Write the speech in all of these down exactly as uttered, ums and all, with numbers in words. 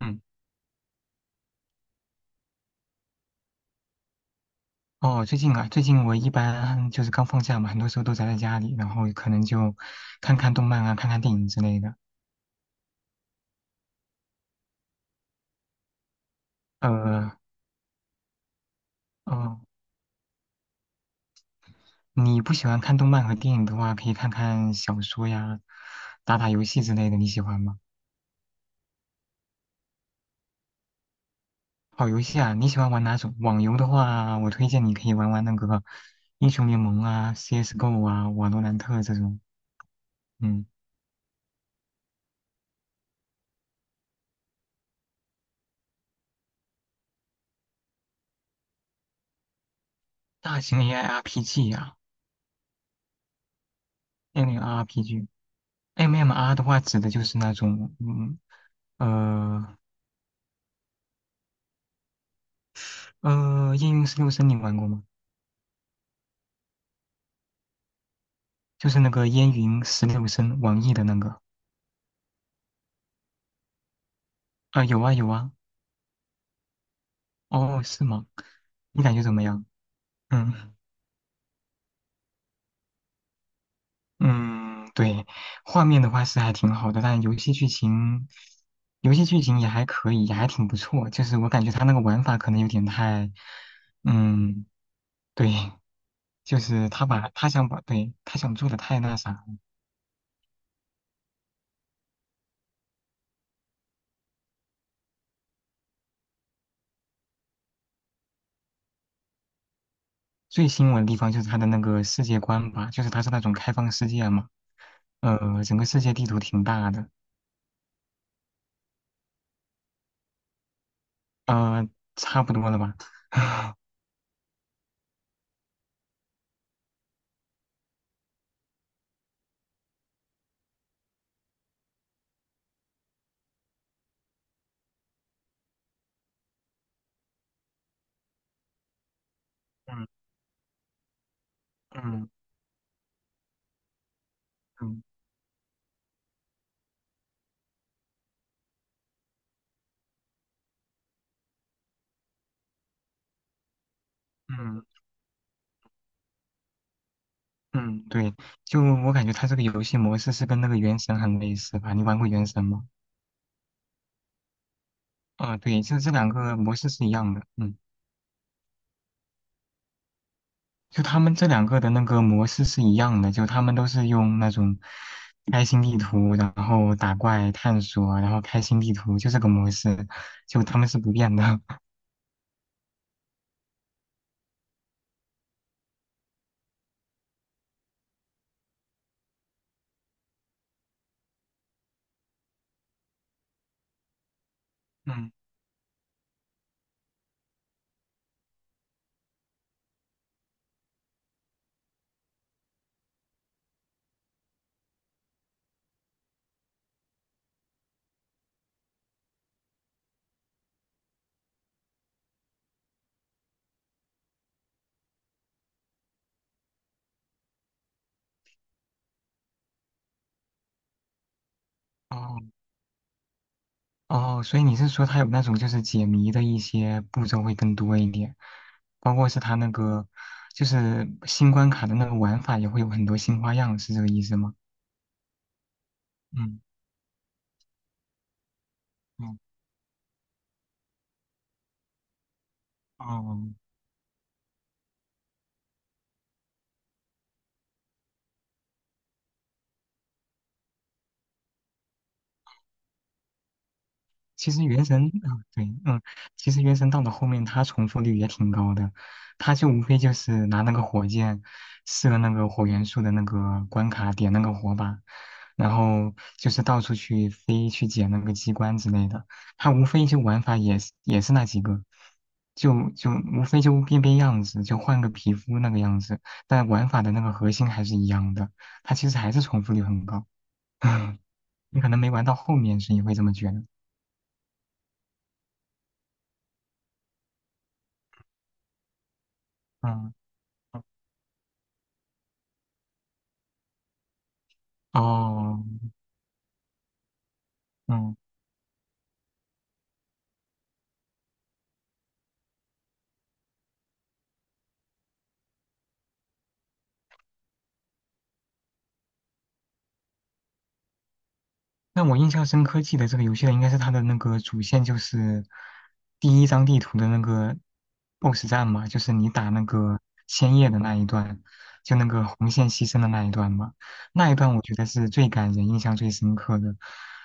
嗯，哦，最近啊，最近我一般就是刚放假嘛，很多时候都宅在家里，然后可能就看看动漫啊，看看电影之类的。呃，哦，你不喜欢看动漫和电影的话，可以看看小说呀，打打游戏之类的，你喜欢吗？好游戏啊，你喜欢玩哪种？网游的话，我推荐你可以玩玩那个英雄联盟啊、C S:G O 啊、瓦罗兰特这种，嗯，大型 AIRPG 啊、m m r p g M M R 的话指的就是那种，嗯。呃，呃，夜云十六声你玩过吗？就是那个烟云十六声，网易的那个。啊、有啊有啊。哦，是吗？你感觉怎么样？嗯嗯，对，画面的话是还挺好的，但游戏剧情，游戏剧情也还可以，也还挺不错。就是我感觉他那个玩法可能有点太，嗯，对，就是他把他想把对他想做的太那啥了。最吸引我的地方就是他的那个世界观吧，就是他是那种开放世界嘛。呃，整个世界地图挺大的，啊、差不多了吧？嗯嗯嗯嗯嗯，对，就我感觉它这个游戏模式是跟那个《原神》很类似吧？你玩过《原神》吗？啊、对，就这两个模式是一样的。嗯，就他们这两个的那个模式是一样的，就他们都是用那种开心地图，然后打怪探索，然后开心地图，就这个模式，就他们是不变的。嗯，哦，哦，所以你是说它有那种就是解谜的一些步骤会更多一点，包括是它那个就是新关卡的那个玩法也会有很多新花样，是这个意思吗？嗯嗯哦哦其实原神啊，对，嗯，其实原神到了后面，它重复率也挺高的，它就无非就是拿那个火箭射那个火元素的那个关卡，点那个火把，然后就是到处去飞去捡那个机关之类的，它无非就玩法也是也是那几个，就就无非就变变样子，就换个皮肤那个样子，但玩法的那个核心还是一样的，它其实还是重复率很高，你可能没玩到后面，所以会这么觉得，嗯。哦，嗯，那我印象深刻，记得这个游戏的应该是它的那个主线，就是第一张地图的那个 BOSS 战嘛，就是你打那个千叶的那一段，就那个红线牺牲的那一段嘛。那一段我觉得是最感人、印象最深刻的。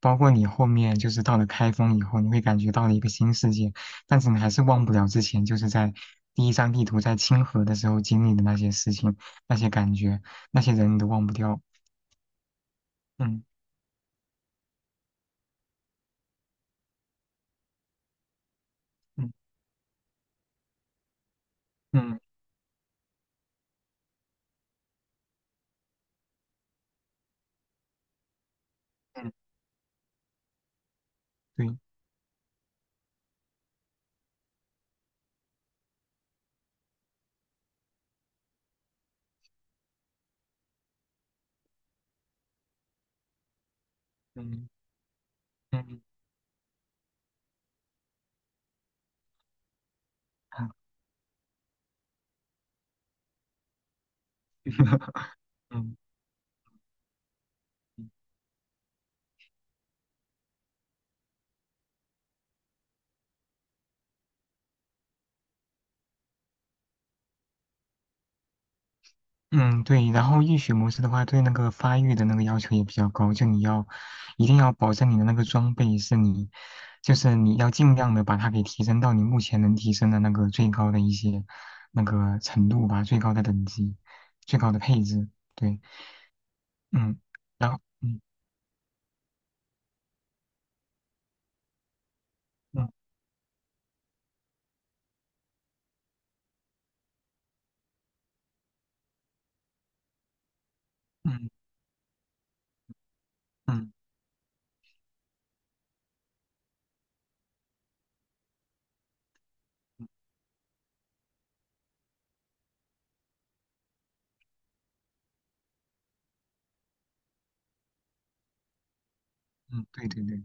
包括你后面就是到了开封以后，你会感觉到了一个新世界，但是你还是忘不了之前就是在第一张地图在清河的时候经历的那些事情、那些感觉、那些人，你都忘不掉。嗯。嗯嗯嗯，对，嗯嗯啊 嗯嗯，对。然后浴血模式的话，对那个发育的那个要求也比较高，就你要一定要保证你的那个装备是你，就是你要尽量的把它给提升到你目前能提升的那个最高的一些那个程度吧，最高的等级，最高的配置。对，嗯，然后嗯嗯嗯嗯嗯，对对对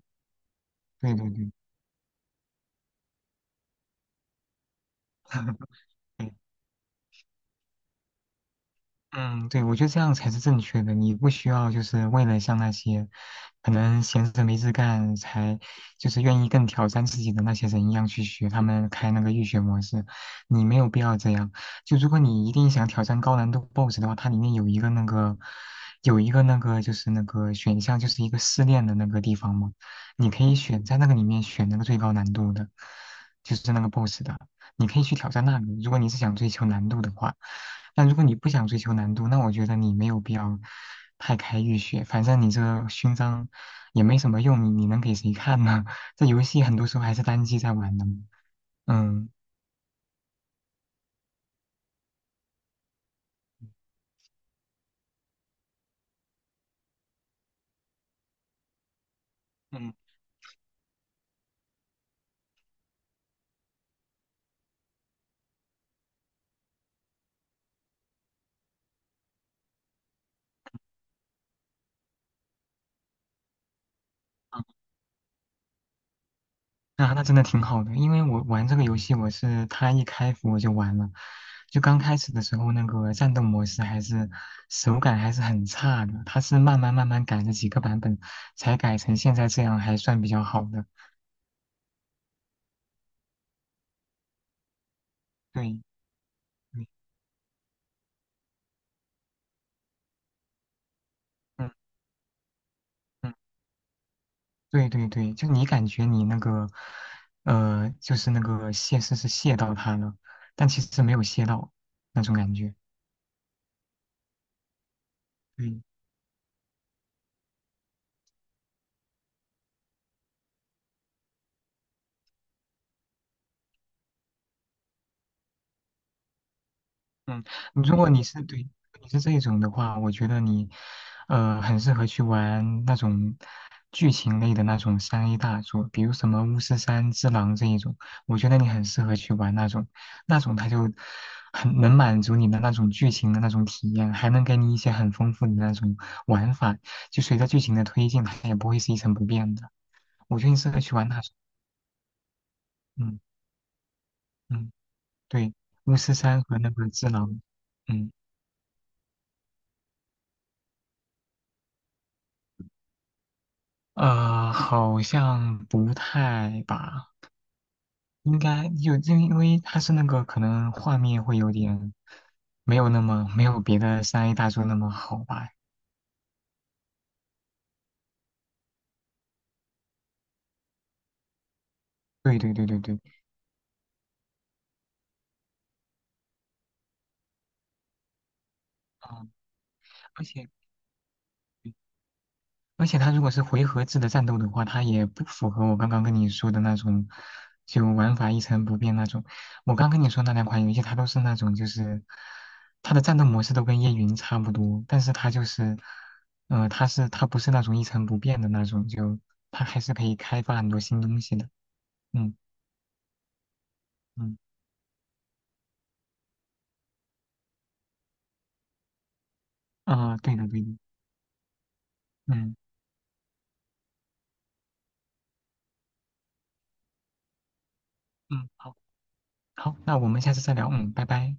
对对对，对嗯，对，我觉得这样才是正确的。你不需要就是为了像那些可能闲着没事干才就是愿意更挑战自己的那些人一样去学他们开那个预选模式，你没有必要这样。就如果你一定想挑战高难度 BOSS 的话，它里面有一个那个有一个那个就是那个选项，就是一个试炼的那个地方嘛，你可以选在那个里面选那个最高难度的，就是那个 BOSS 的。你可以去挑战那里，如果你是想追求难度的话。但如果你不想追求难度，那我觉得你没有必要太开浴血，反正你这勋章也没什么用，你你能给谁看呢？这游戏很多时候还是单机在玩的嘛。嗯嗯嗯，那那真的挺好的，因为我玩这个游戏，我是它一开服我就玩了，就刚开始的时候那个战斗模式还是手感还是很差的，它是慢慢慢慢改了几个版本，才改成现在这样还算比较好的。对，嗯嗯，对对对，就你感觉你那个，呃，就是那个泄是是泄到他了，但其实没有泄到那种感觉。对嗯，如果你是对你是这种的话，我觉得你，呃，很适合去玩那种剧情类的那种三 A 大作，比如什么《巫师三》《只狼》这一种，我觉得你很适合去玩那种，那种它就很能满足你的那种剧情的那种体验，还能给你一些很丰富的那种玩法，就随着剧情的推进，它也不会是一成不变的。我觉得你适合去玩那种，嗯嗯，对，《巫师三》和那个《只狼》，嗯。呃，好像不太吧，应该就因为因为它是那个可能画面会有点没有那么没有别的三 A 大作那么好吧。对对对对对，嗯，而且。而且它如果是回合制的战斗的话，它也不符合我刚刚跟你说的那种，就玩法一成不变那种。我刚跟你说那两款游戏，它都是那种就是，它的战斗模式都跟叶云差不多，但是它就是，呃，它是它不是那种一成不变的那种，就它还是可以开发很多新东西的。嗯嗯啊，对的对的，嗯嗯，好好，那我们下次再聊，嗯，拜拜。